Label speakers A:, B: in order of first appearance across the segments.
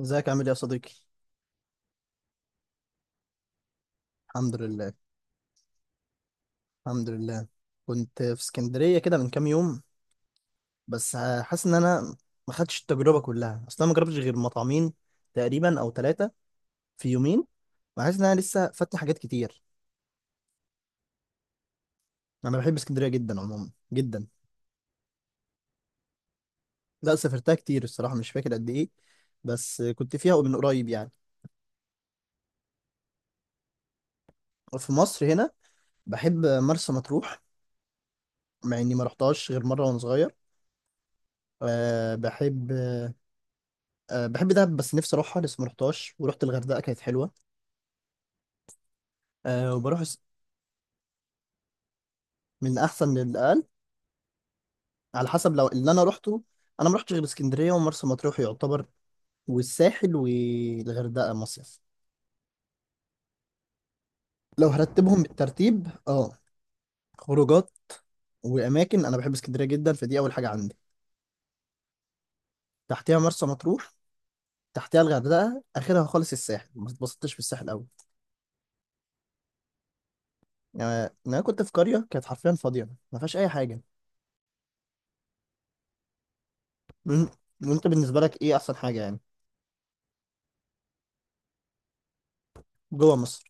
A: ازيك عامل ايه يا صديقي؟ الحمد لله. الحمد لله. كنت في اسكندريه كده من كام يوم، بس حاسس ان انا ما خدتش التجربه كلها، اصلا ما جربتش غير مطعمين تقريبا او ثلاثه في يومين، وحاسس ان انا لسه فاتني حاجات كتير. انا بحب اسكندريه جدا عموما، جدا. لا، سافرتها كتير الصراحه، مش فاكر قد ايه، بس كنت فيها من قريب يعني. وفي مصر هنا بحب مرسى مطروح، مع اني ما رحتهاش غير مره وانا صغير. أه بحب. أه بحب دهب، بس نفسي اروحها لسه ما رحتهاش، ورحت الغردقه كانت حلوه. أه وبروح من احسن للاقل، على حسب لو اللي انا روحته. انا ما رحتش غير اسكندريه ومرسى مطروح يعتبر، والساحل والغردقه مصيف. لو هرتبهم بالترتيب، اه، خروجات واماكن، انا بحب اسكندريه جدا، فدي اول حاجه عندي. تحتها مرسى مطروح، تحتها الغردقه، اخرها خالص الساحل، ما اتبسطتش في الساحل قوي. يعني انا كنت في قريه كانت حرفيا فاضيه ما فيهاش اي حاجه. مم. وانت بالنسبه لك ايه احسن حاجه يعني؟ جوه مصر.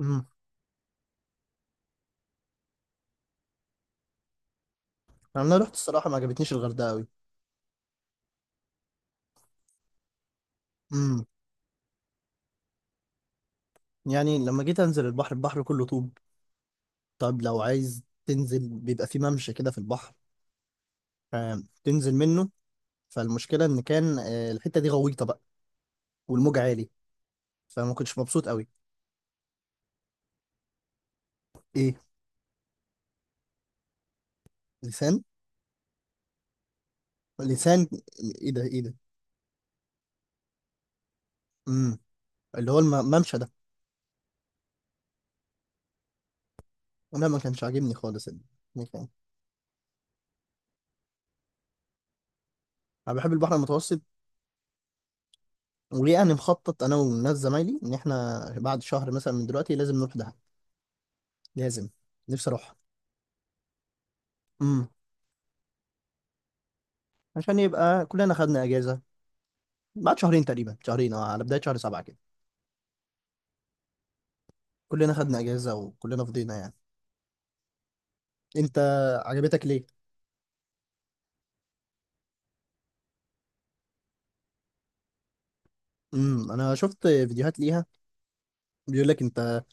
A: امم، انا رحت الصراحه ما عجبتنيش الغردقه قوي. يعني لما جيت انزل البحر، البحر كله طوب. طب لو عايز تنزل، بيبقى في ممشى كده في البحر، تنزل منه. فالمشكله ان كان، الحته دي غويطه بقى، والموج عالي، فما كنتش مبسوط قوي. ايه؟ لسان. لسان. ايه ده؟ ايه ده؟ امم، اللي هو الممشى ده. انا ما كانش عاجبني خالص المكان. انا بحب البحر المتوسط. ويعني مخطط انا والناس زمايلي ان احنا بعد شهر مثلا من دلوقتي لازم نروح دهب. لازم. نفسي اروح. امم. عشان يبقى كلنا خدنا اجازه بعد شهرين تقريبا، شهرين اه، على بداية شهر سبعة كده. كلنا خدنا اجازة وكلنا فضينا يعني. انت. عجبتك ليه؟ امم، انا شفت فيديوهات ليها. بيقول لك انت،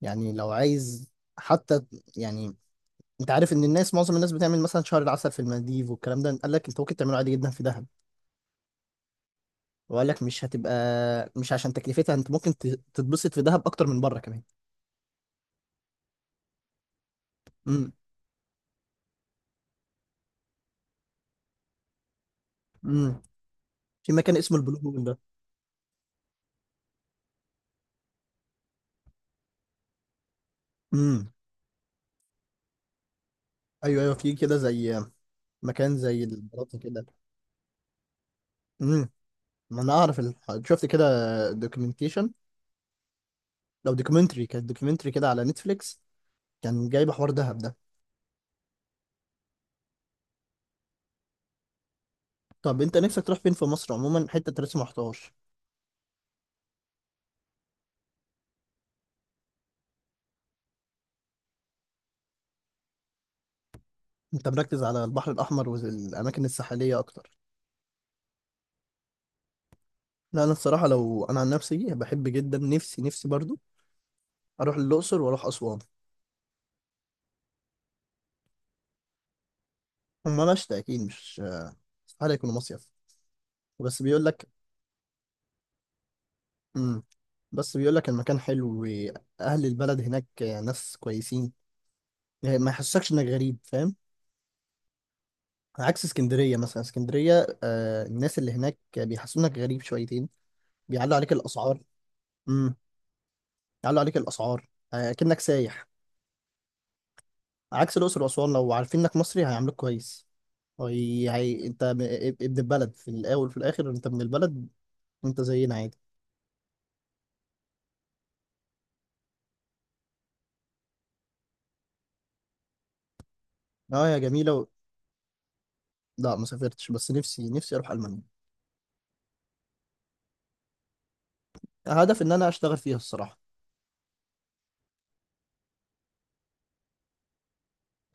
A: يعني لو عايز، حتى، يعني، انت عارف ان الناس، معظم الناس بتعمل مثلا شهر العسل في المالديف والكلام ده، قال لك انت ممكن تعمله عادي جدا في دهب. وقال لك مش هتبقى، مش عشان تكلفتها، انت ممكن تتبسط في دهب اكتر من بره كمان. امم. امم. في مكان اسمه البلو هول ده. امم. ايوه ايوه، في كده زي مكان زي البلاطه كده. مم. ما انا اعرف شفت كده دوكيومنتيشن، لو دوكيومنتري، كانت دوكيومنتري كده على نتفليكس، كان جايب حوار دهب ده. طب انت نفسك تروح فين في مصر عموما، حته انت لسه ما رحتهاش؟ انت مركز على البحر الاحمر والاماكن الساحليه اكتر. لا انا الصراحه، لو انا عن نفسي بحب جدا، نفسي نفسي برضو اروح الاقصر واروح اسوان. هما مشتى اكيد، مش استحاله يكونوا مصيف. بس بيقول لك. امم. بس بيقول لك المكان حلو واهل البلد هناك ناس كويسين، يعني ما يحسكش انك غريب، فاهم؟ عكس اسكندريه مثلا، اسكندريه آه، الناس اللي هناك بيحسونك غريب شويتين، بيعلوا عليك الاسعار. امم. يعلوا عليك الاسعار، آه، كأنك سايح. عكس الاقصر واسوان، لو عارفين انك مصري هيعاملوك كويس. هي... هي... ابن البلد في الاول وفي الاخر، انت من البلد، انت زينا عادي. اه يا جميله و... لا ما سافرتش، بس نفسي نفسي اروح المانيا. هدف ان انا اشتغل فيها الصراحه.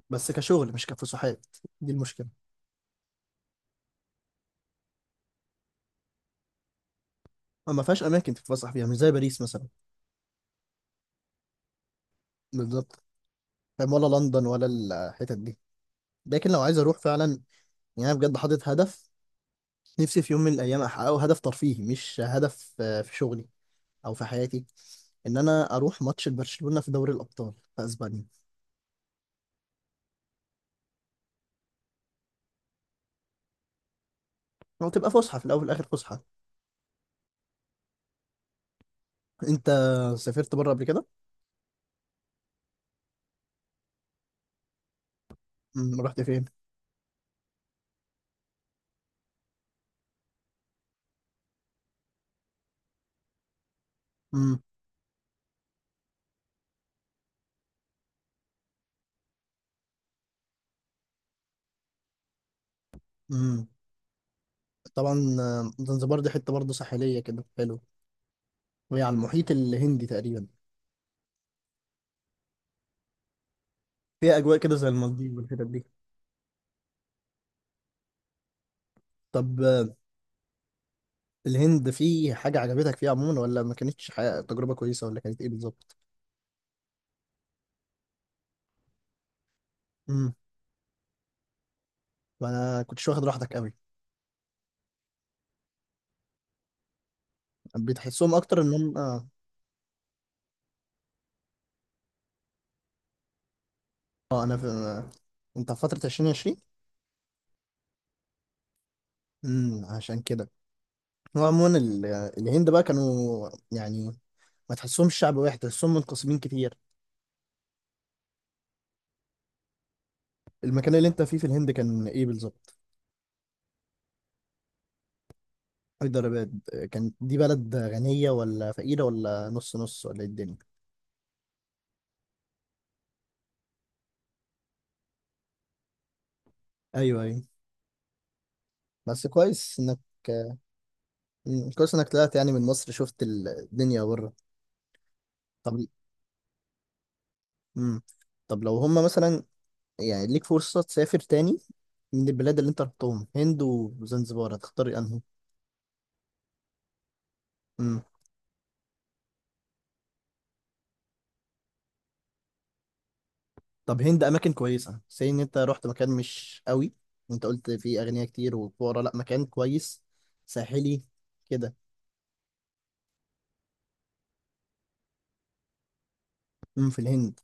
A: بس كشغل مش كفسحات، دي المشكله. ما فيهاش اماكن تتفسح فيها مش زي باريس مثلا، بالظبط، فاهم؟ ولا لندن ولا الحتت دي. لكن لو عايز اروح فعلا، يعني انا بجد حاطط هدف، نفسي في يوم من الايام احققه، هدف ترفيهي مش هدف، في شغلي او في حياتي. ان انا اروح ماتش برشلونة في دوري الابطال في اسبانيا. هو تبقى فسحه، في الاول والاخر فسحه. انت سافرت بره قبل كده؟ امم، رحت فين؟ امم. امم. طبعا زنزبار دي حته برضه ساحليه كده، حلو. وهي على المحيط الهندي تقريبا. فيها اجواء كده زي المالديف والحتت دي. طب الهند في حاجه عجبتك فيها عموما، ولا ما كانتش تجربه كويسه، ولا كانت ايه بالظبط؟ ما انا كنتش واخد راحتك قوي. بتحسهم اكتر ان هم اه. اه انا في... انت في فترة 2020. امم، عشان كده. هو عموما ال... الهند بقى كانوا يعني ما تحسهمش شعب واحد، تحسهم منقسمين كتير. المكان اللي انت فيه في الهند كان ايه بالظبط؟ هيدرباد. كانت دي بلد غنية ولا فقيرة ولا نص نص، ولا ايه الدنيا؟ ايوه ايوه. بس كويس انك. مم، كويس انك طلعت يعني من مصر، شفت الدنيا بره. طب. امم. طب لو هم مثلا، يعني ليك فرصة تسافر تاني من البلاد اللي انت رحتهم، هند وزنزبار، هتختار انهي؟ امم. طب هند، اماكن كويسة سي ان انت رحت مكان مش قوي، انت قلت فيه اغنياء كتير وفقراء، لا مكان كويس ساحلي كده. امم، في الهند.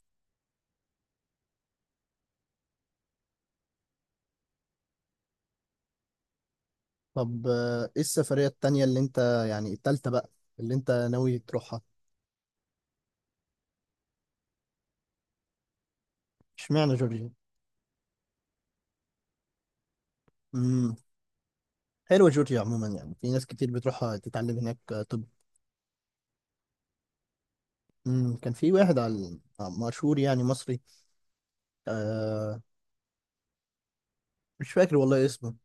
A: طب ايه السفرية التانية اللي انت، يعني التالتة بقى، اللي انت ناوي تروحها؟ اشمعنى جورجيا؟ امم. حلوة جورجيا عموما، يعني في ناس كتير بتروحها تتعلم هناك، طب. امم، كان في واحد على، مشهور يعني، مصري، آه، مش فاكر والله اسمه.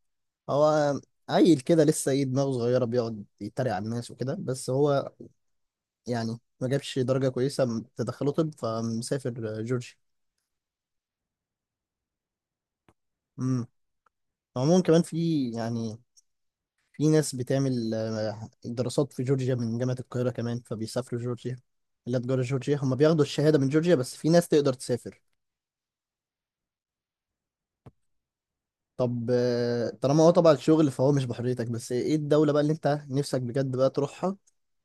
A: هو عيل كده لسه، ايه، دماغه صغيرة، بيقعد يتريق على الناس وكده، بس هو يعني ما جابش درجة كويسة تدخله طب، فمسافر جورجيا. امم. عموما كمان في يعني، في ناس بتعمل دراسات في جورجيا من جامعة القاهرة كمان، فبيسافروا جورجيا. لا، تجارة جورجيا، هم بياخدوا الشهادة من جورجيا، بس في ناس تقدر تسافر. طب طالما هو طبعا الشغل، فهو مش بحريتك، بس ايه الدولة بقى اللي انت نفسك بجد بقى تروحها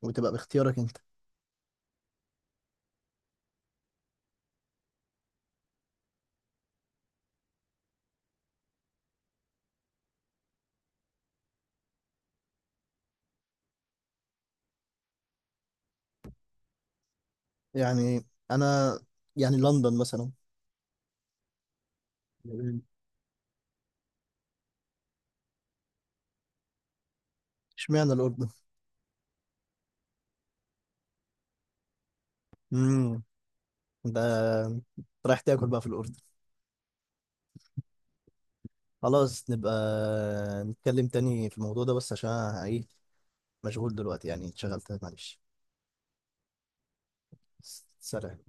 A: وتبقى باختيارك انت؟ يعني انا، يعني لندن مثلا. مم. اشمعنى الاردن؟ امم. ده. رايح تاكل بقى في الاردن. خلاص نبقى نتكلم تاني في الموضوع ده، بس عشان أنا ايه، مشغول دلوقتي يعني، اتشغلت، معلش. سلام.